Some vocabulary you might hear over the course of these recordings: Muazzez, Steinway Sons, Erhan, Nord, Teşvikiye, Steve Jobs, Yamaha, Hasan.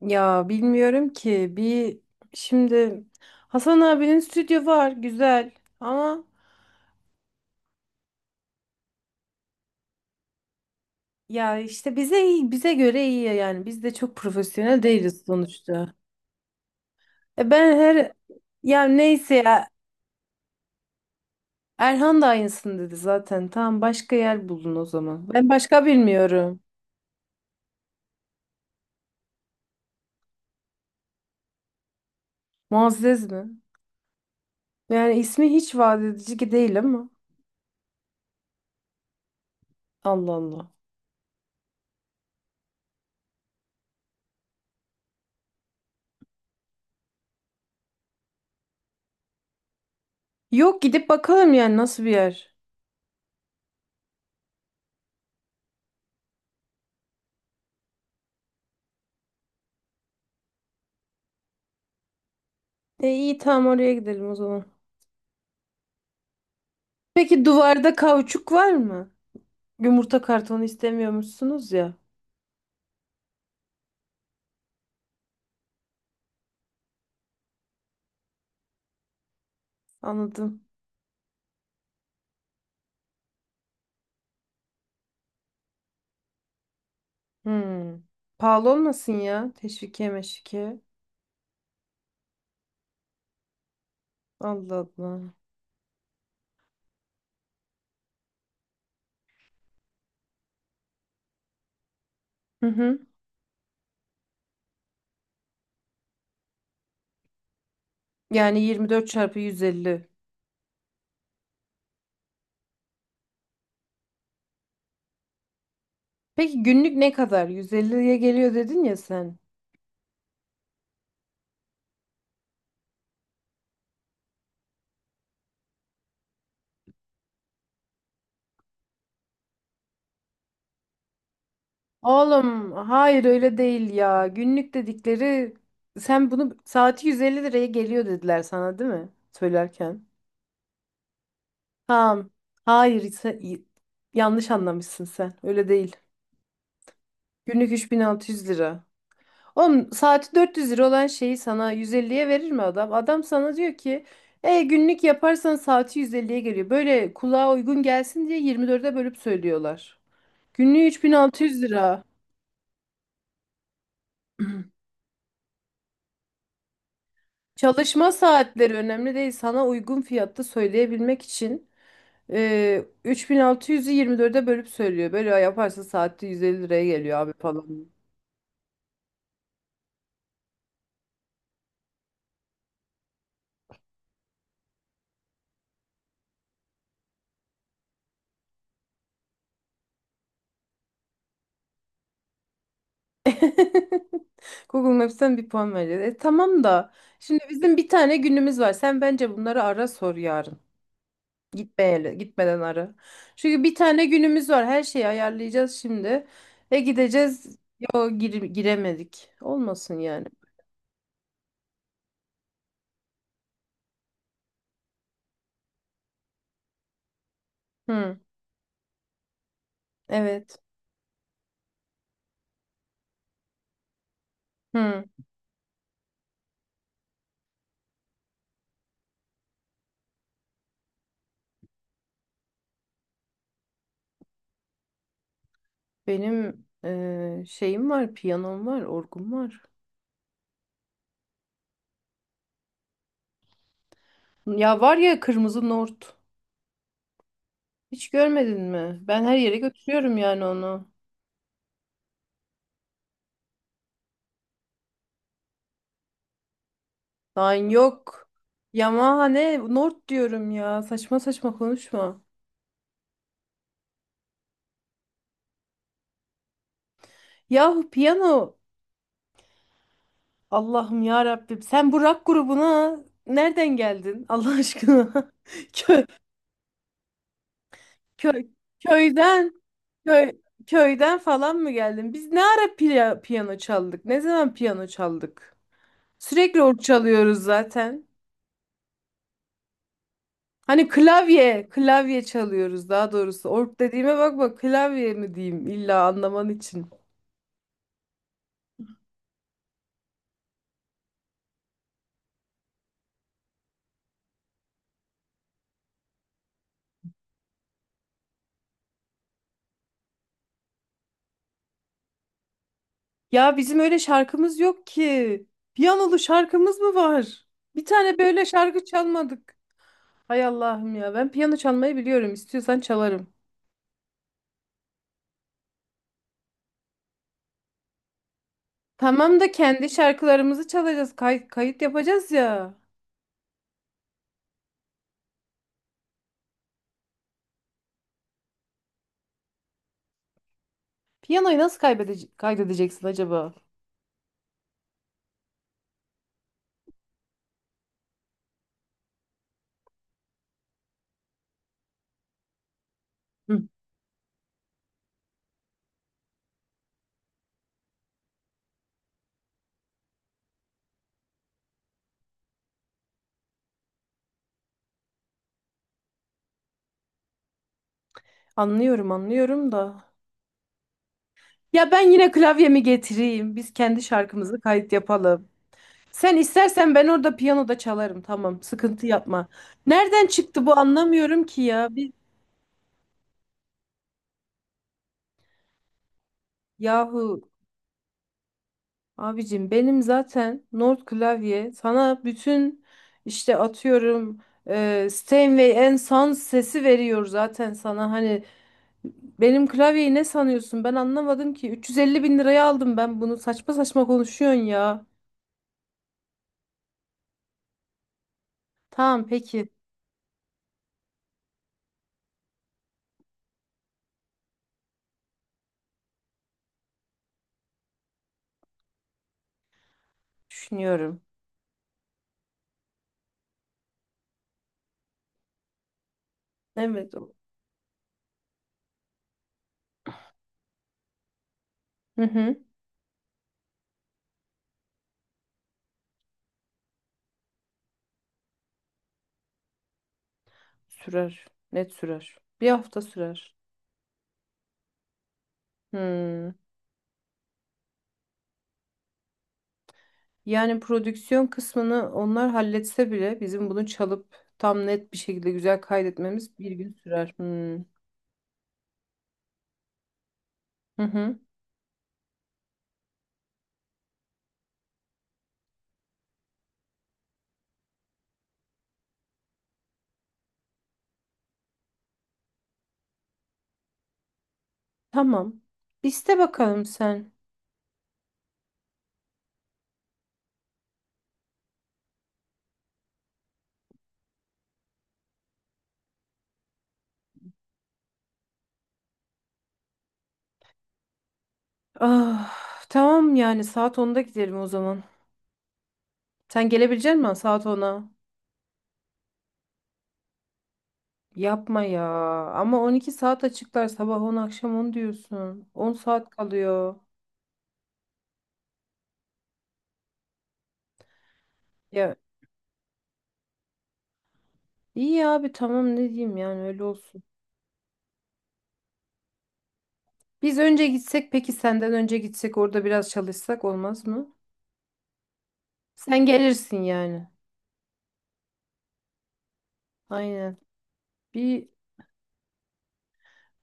Ya, bilmiyorum ki bir şimdi Hasan abinin stüdyo var, güzel ama. Ya işte bize iyi, bize göre iyi ya, yani biz de çok profesyonel değiliz sonuçta. E ben her Ya neyse ya, Erhan da aynısını dedi zaten. Tamam, başka yer bulun o zaman. Ben başka bilmiyorum. Muazzez mi? Yani ismi hiç vaat edici ki değil ama. Allah Allah. Yok, gidip bakalım yani nasıl bir yer. E iyi, tamam, oraya gidelim o zaman. Peki duvarda kauçuk var mı? Yumurta kartonu istemiyormuşsunuz ya. Anladım. Hmm. Pahalı olmasın ya. Teşvikiye meşvikiye. Allah Allah. Hı hı. Yani 24 çarpı 150. Peki günlük ne kadar? 150'ye geliyor dedin ya sen. Oğlum hayır, öyle değil ya. Günlük dedikleri, sen bunu saati 150 liraya geliyor dediler sana değil mi? Söylerken. Tamam. Hayır, yanlış anlamışsın sen. Öyle değil. Günlük 3600 lira. Oğlum, saati 400 lira olan şeyi sana 150'ye verir mi adam? Adam sana diyor ki günlük yaparsan saati 150'ye geliyor. Böyle kulağa uygun gelsin diye 24'e bölüp söylüyorlar. Günlüğü 3600 lira. Çalışma saatleri önemli değil. Sana uygun fiyatta söyleyebilmek için 3600'ü 24'e bölüp söylüyor. Böyle yaparsa saatte 150 liraya geliyor abi falan. Google Maps'ten bir puan vereceğiz. E, tamam da şimdi bizim bir tane günümüz var. Sen bence bunları ara sor yarın. Gitmeyeli, gitmeden ara. Çünkü bir tane günümüz var. Her şeyi ayarlayacağız şimdi. Ve gideceğiz. Giremedik. Olmasın yani. Hı, evet. Hı. Benim şeyim var, piyanom var, orgum var. Ya var ya, kırmızı nort. Hiç görmedin mi? Ben her yere götürüyorum yani onu. Lan yok. Yamaha ne? Nord diyorum ya. Saçma saçma konuşma. Yahu piyano. Allah'ım ya Rabbim. Sen bu rock grubuna nereden geldin? Allah aşkına. Köy, köy, köyden, köy, köyden falan mı geldin? Biz ne ara piyano çaldık? Ne zaman piyano çaldık? Sürekli org çalıyoruz zaten. Hani klavye, klavye çalıyoruz daha doğrusu. Org dediğime bakma, klavye mi diyeyim illa anlaman için. Ya bizim öyle şarkımız yok ki. Piyanolu şarkımız mı var? Bir tane böyle şarkı çalmadık. Hay Allah'ım ya. Ben piyano çalmayı biliyorum. İstiyorsan çalarım. Tamam da kendi şarkılarımızı çalacağız. Kayıt yapacağız ya. Piyanoyu nasıl kaydedeceksin acaba? Hı. Anlıyorum, anlıyorum da. Ya ben yine klavyemi getireyim. Biz kendi şarkımızı kayıt yapalım. Sen istersen ben orada piyanoda çalarım. Tamam, sıkıntı yapma. Nereden çıktı bu, anlamıyorum ki ya. Yahu abicim, benim zaten Nord klavye sana bütün işte atıyorum Steinway Sons sesi veriyor zaten sana. Hani benim klavyeyi ne sanıyorsun? Ben anlamadım ki, 350 bin liraya aldım ben bunu. Saçma saçma konuşuyorsun ya. Tamam peki, düşünüyorum. Evet. Hı hı. Sürer, net sürer, bir hafta sürer. Hmm. Yani prodüksiyon kısmını onlar halletse bile bizim bunu çalıp tam net bir şekilde güzel kaydetmemiz bir gün sürer. Hmm. Hı hı. Tamam. İste bakalım sen. Ah, tamam yani saat 10'da gidelim o zaman. Sen gelebilecek misin saat 10'a? Yapma ya. Ama 12 saat açıklar, sabah 10 akşam 10 diyorsun. 10 saat kalıyor. Ya iyi abi, tamam, ne diyeyim yani, öyle olsun. Biz önce gitsek, peki senden önce gitsek orada biraz çalışsak olmaz mı? Sen gelirsin yani. Aynen. Bir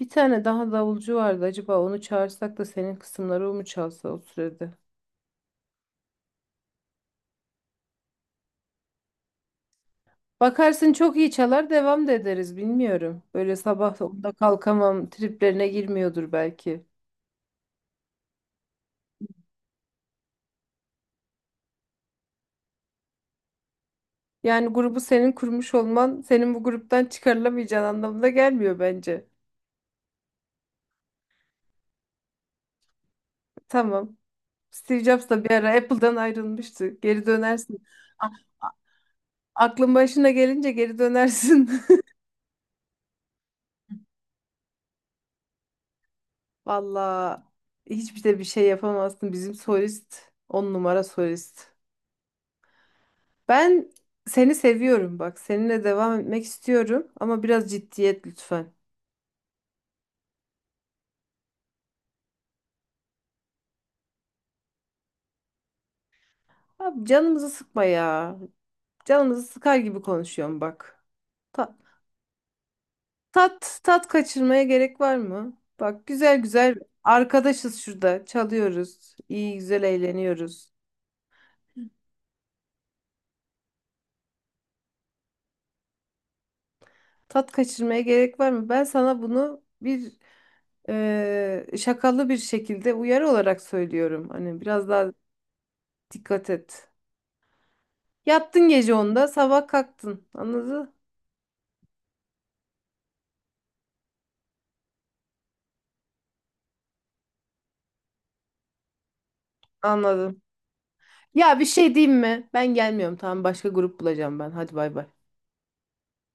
bir tane daha davulcu vardı. Acaba onu çağırsak da senin kısımları o mu çalsa o sürede? Bakarsın, çok iyi çalar, devam da ederiz, bilmiyorum. Böyle sabah 10'da kalkamam triplerine girmiyordur belki. Yani grubu senin kurmuş olman senin bu gruptan çıkarılamayacağın anlamına gelmiyor bence. Tamam. Steve Jobs da bir ara Apple'dan ayrılmıştı. Geri dönersin. A- a- Aklın başına gelince geri dönersin. Valla hiçbir de bir şey yapamazsın. Bizim solist on numara solist. Ben seni seviyorum bak. Seninle devam etmek istiyorum ama biraz ciddiyet lütfen. Abi canımızı sıkma ya. Canımızı sıkar gibi konuşuyorum bak. Ta- tat kaçırmaya gerek var mı? Bak, güzel güzel arkadaşız şurada. Çalıyoruz. İyi güzel eğleniyoruz. Tat kaçırmaya gerek var mı? Ben sana bunu bir şakalı bir şekilde uyarı olarak söylüyorum. Hani biraz daha dikkat et. Yattın gece 10'da, sabah kalktın. Anladın? Anladım. Ya bir şey diyeyim mi? Ben gelmiyorum. Tamam, başka grup bulacağım ben. Hadi bay bay.